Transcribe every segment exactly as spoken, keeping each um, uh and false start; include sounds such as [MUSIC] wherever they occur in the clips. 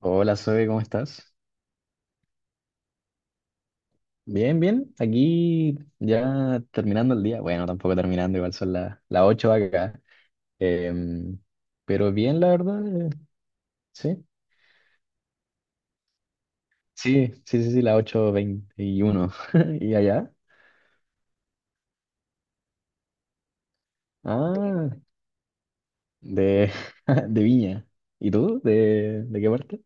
Hola, Zoe, ¿cómo estás? Bien, bien. Aquí ya terminando el día. Bueno, tampoco terminando, igual son la- las ocho acá. Em, pero bien, la verdad. eh, Sí, sí, sí, sí, sí, las ocho veintiuno [LAUGHS] ¿Y allá? Ah, de, [LAUGHS] de Viña. ¿Y tú? ¿De, de qué parte?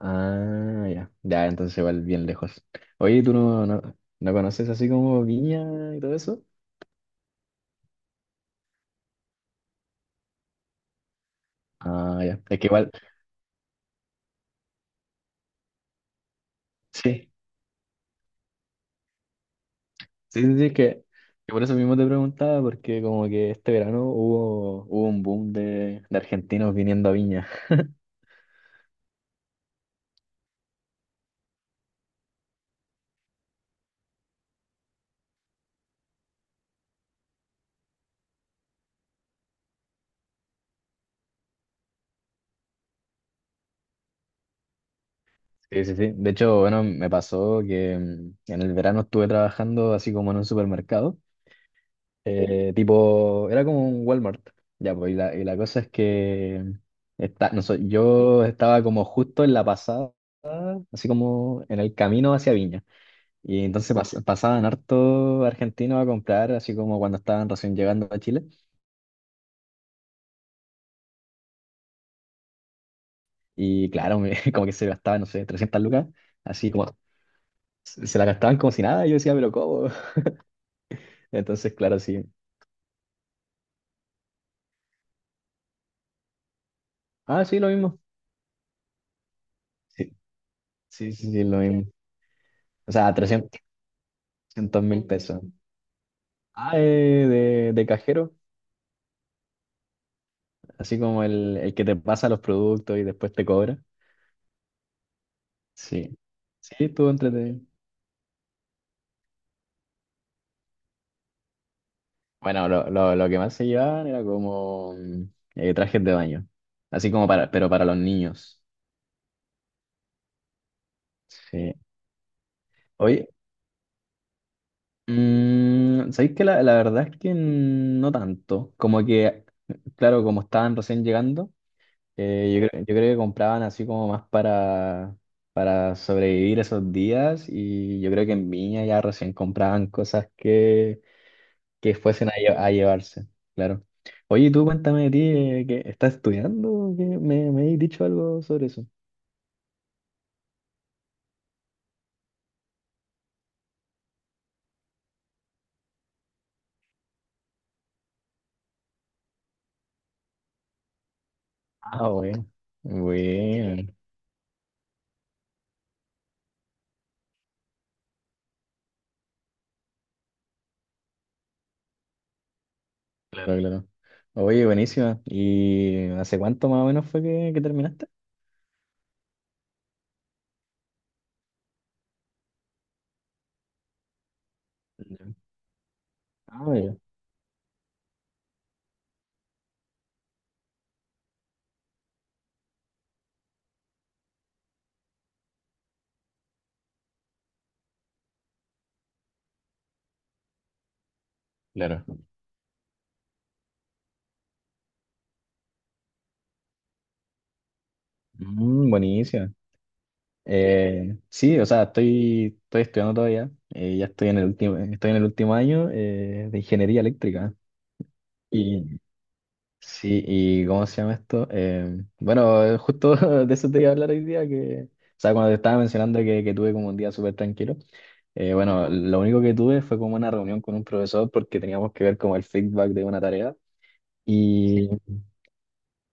Ah, ya. Ya, entonces igual bien lejos. Oye, ¿tú no, no, no conoces así como Viña y todo eso? Ah, ya. Es que igual, sí. Sí, sí, sí, que, que por eso mismo te preguntaba, porque como que este verano hubo, hubo un boom de, de argentinos viniendo a Viña. Sí, sí, sí. De hecho, bueno, me pasó que mm, en el verano estuve trabajando así como en un supermercado, eh, tipo, era como un Walmart, ya, pues, y la, y la cosa es que mm, está, no sé, yo estaba como justo en la pasada, así como en el camino hacia Viña. Y entonces pas- pasaban harto argentinos a comprar, así como cuando estaban recién llegando a Chile. Y claro, me- [LAUGHS] como que se gastaban no sé, trescientas lucas, así como se se la gastaban como si nada. Y yo decía, pero ¿cómo? [LAUGHS] Entonces, claro, sí. Ah, sí, lo mismo. Sí, sí, sí, sí, lo mismo. O sea, trescientos mil pesos. Ah, eh, de, de cajero, así como el, el que te pasa los productos y después te cobra. Sí, sí, estuvo entretenido. Bueno, lo, lo, lo que más se llevaban era como mm, eh, trajes de baño, así como para, pero para los niños. Sí. Oye, Mm, sabéis que la, la verdad es que no tanto. Como que, claro, como estaban recién llegando, eh, yo, creo yo creo que compraban así como más para, para sobrevivir esos días. Y yo creo que en Viña ya recién compraban cosas que, que fuesen a, lle- a llevarse, claro. Oye, tú cuéntame de ti, eh, que estás estudiando, que me, me has dicho algo sobre eso. Ah, bueno. Bueno, claro. Claro, claro. Oye, buenísima. ¿Y hace cuánto más o menos fue que, que terminaste? Ah, ya. Claro. Mm, buenísima. Eh, sí, o sea, estoy, estoy estudiando todavía. Eh, ya estoy en el último, estoy en el último año eh, de ingeniería eléctrica. Y sí, ¿y cómo se llama esto? Eh, bueno, eh, justo [LAUGHS] de eso te iba a hablar hoy día, que, o sea, cuando te estaba mencionando que, que tuve como un día súper tranquilo, eh, bueno, lo único que tuve fue como una reunión con un profesor porque teníamos que ver como el feedback de una tarea. Y,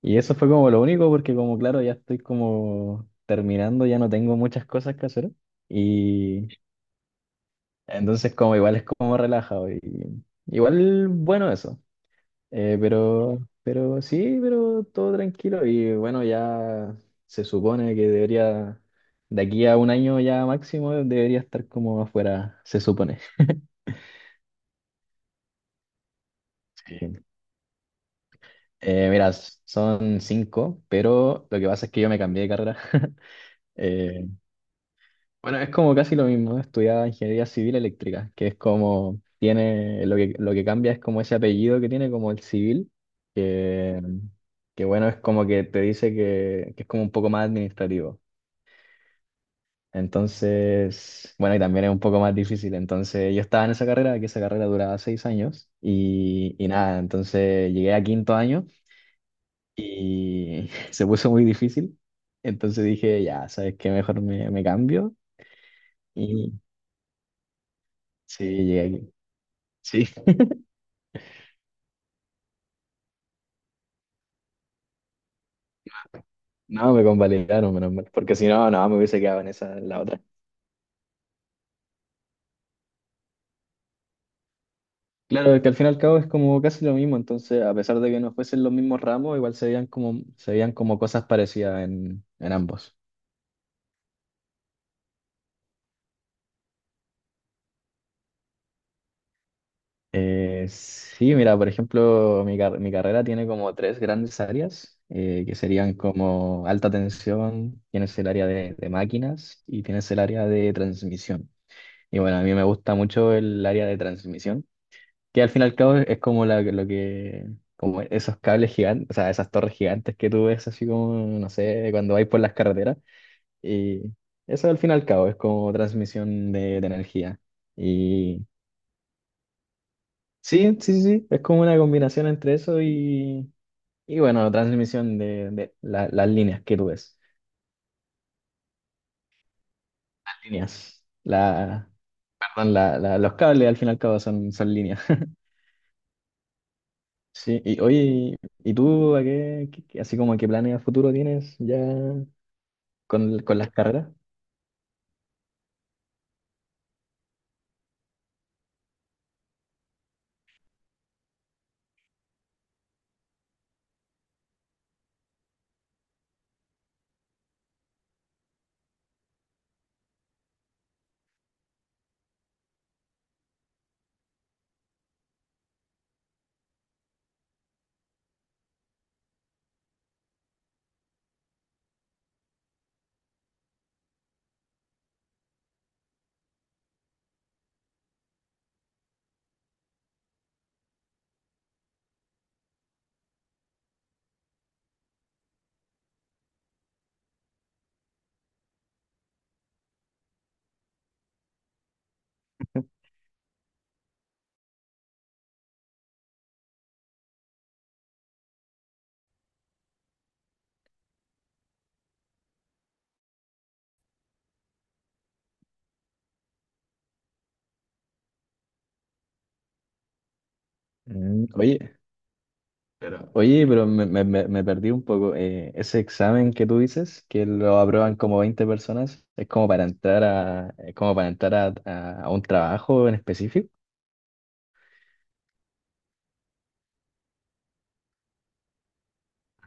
y eso fue como lo único, porque como claro, ya estoy como terminando, ya no tengo muchas cosas que hacer. Y entonces como igual es como relajado. Y, igual bueno eso. Eh, pero, pero sí, pero todo tranquilo. Y bueno, ya se supone que debería, de aquí a un año ya máximo, debería estar como afuera, se supone. [LAUGHS] Sí. Eh, mira, son cinco, pero lo que pasa es que yo me cambié de carrera. [LAUGHS] Bueno, es como casi lo mismo, estudiaba ingeniería civil eléctrica, que es como tiene, lo que, lo que cambia es como ese apellido que tiene, como el civil, que, que bueno, es como que te dice que, que es como un poco más administrativo. Entonces, bueno, y también es un poco más difícil. Entonces, yo estaba en esa carrera, que esa carrera duraba seis años, y, y nada, entonces llegué a quinto año y [LAUGHS] se puso muy difícil. Entonces dije, ya, ¿sabes qué? Mejor me, me cambio. Y sí, llegué aquí. Sí, no, me convalidaron, menos mal, porque si no, no, me hubiese quedado en esa, en la otra. Claro, es que al fin y al cabo es como casi lo mismo, entonces a pesar de que no fuesen los mismos ramos, igual se veían como, se veían como cosas parecidas en, en, ambos. Eh, sí, mira, por ejemplo, mi, car- mi carrera tiene como tres grandes áreas, eh, que serían como alta tensión, tienes el área de, de máquinas y tienes el área de transmisión. Y bueno, a mí me gusta mucho el área de transmisión, que al fin y al cabo es como la- lo que, como esos cables gigantes, o sea, esas torres gigantes que tú ves así como, no sé, cuando vais por las carreteras. Y eso al fin y al cabo es como transmisión de, de energía. Y sí, sí, sí, sí, es como una combinación entre eso y, y bueno, transmisión de, de la- las líneas que tú ves. Líneas. La, perdón, la, la- los cables al fin y al cabo son, son líneas. [LAUGHS] Sí, y oye, ¿y tú a qué, qué- qué- así como a qué planes a futuro tienes ya, con, con las carreras? Mm, Oye, pero oye, pero me, me- me- me perdí un poco. Eh, ese examen que tú dices, que lo aprueban como veinte personas, ¿es como para entrar a, es como para entrar a, a- a un trabajo en específico?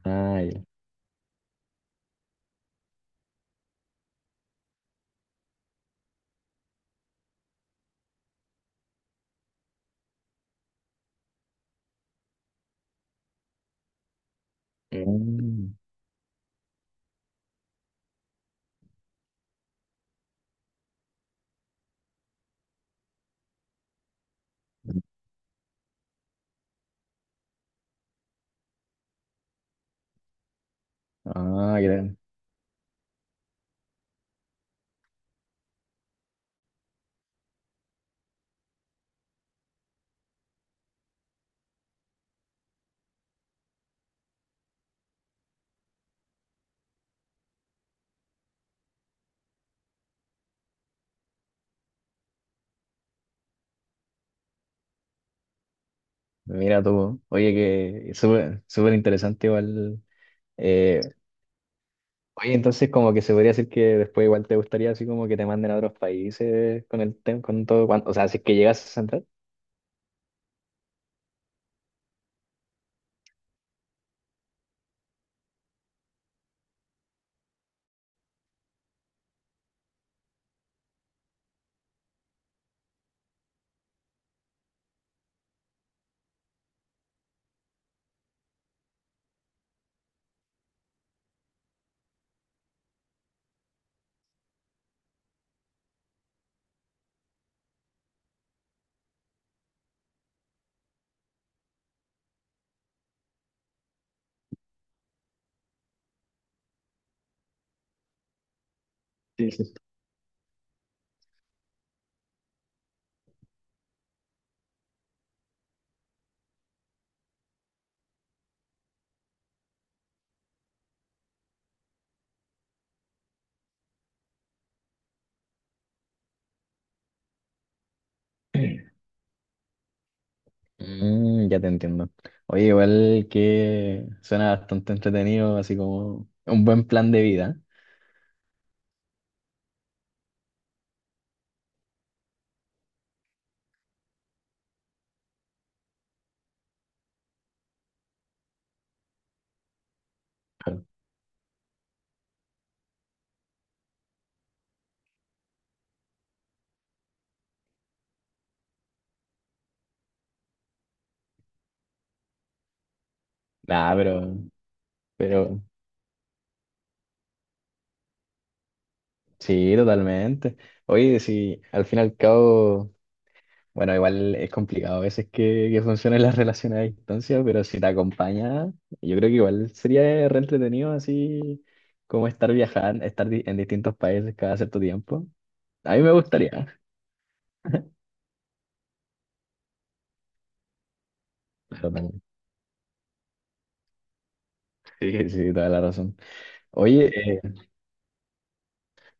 Ah, ya. Mm. Ah, gran. Mira tú. Oye, que súper, súper interesante igual. Eh, Oye, entonces como que se podría decir que después igual te gustaría así como que te manden a otros países con el tema, con todo, cuan- o sea, si es que llegas a entrar. Sí, sí. Mm, ya te entiendo. Oye, igual que suena bastante entretenido, así como un buen plan de vida. Claro. Nah, pero, pero sí, totalmente. Oye, si al fin y al cabo, bueno, igual es complicado a veces que, que funcionen las relaciones a distancia, pero si te acompaña, yo creo que igual sería re entretenido así como estar viajando, estar di- en distintos países cada cierto tiempo. A mí me gustaría. Totalmente. Sí, sí, toda la razón. Oye,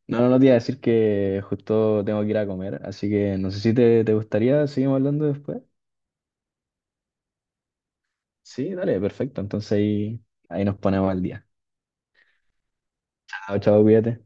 no, no, no te iba a decir que justo tengo que ir a comer, así que no sé si te, te gustaría, seguimos hablando después. Sí, dale, perfecto. Entonces ahí, ahí nos ponemos al día. Chao, chao, cuídate.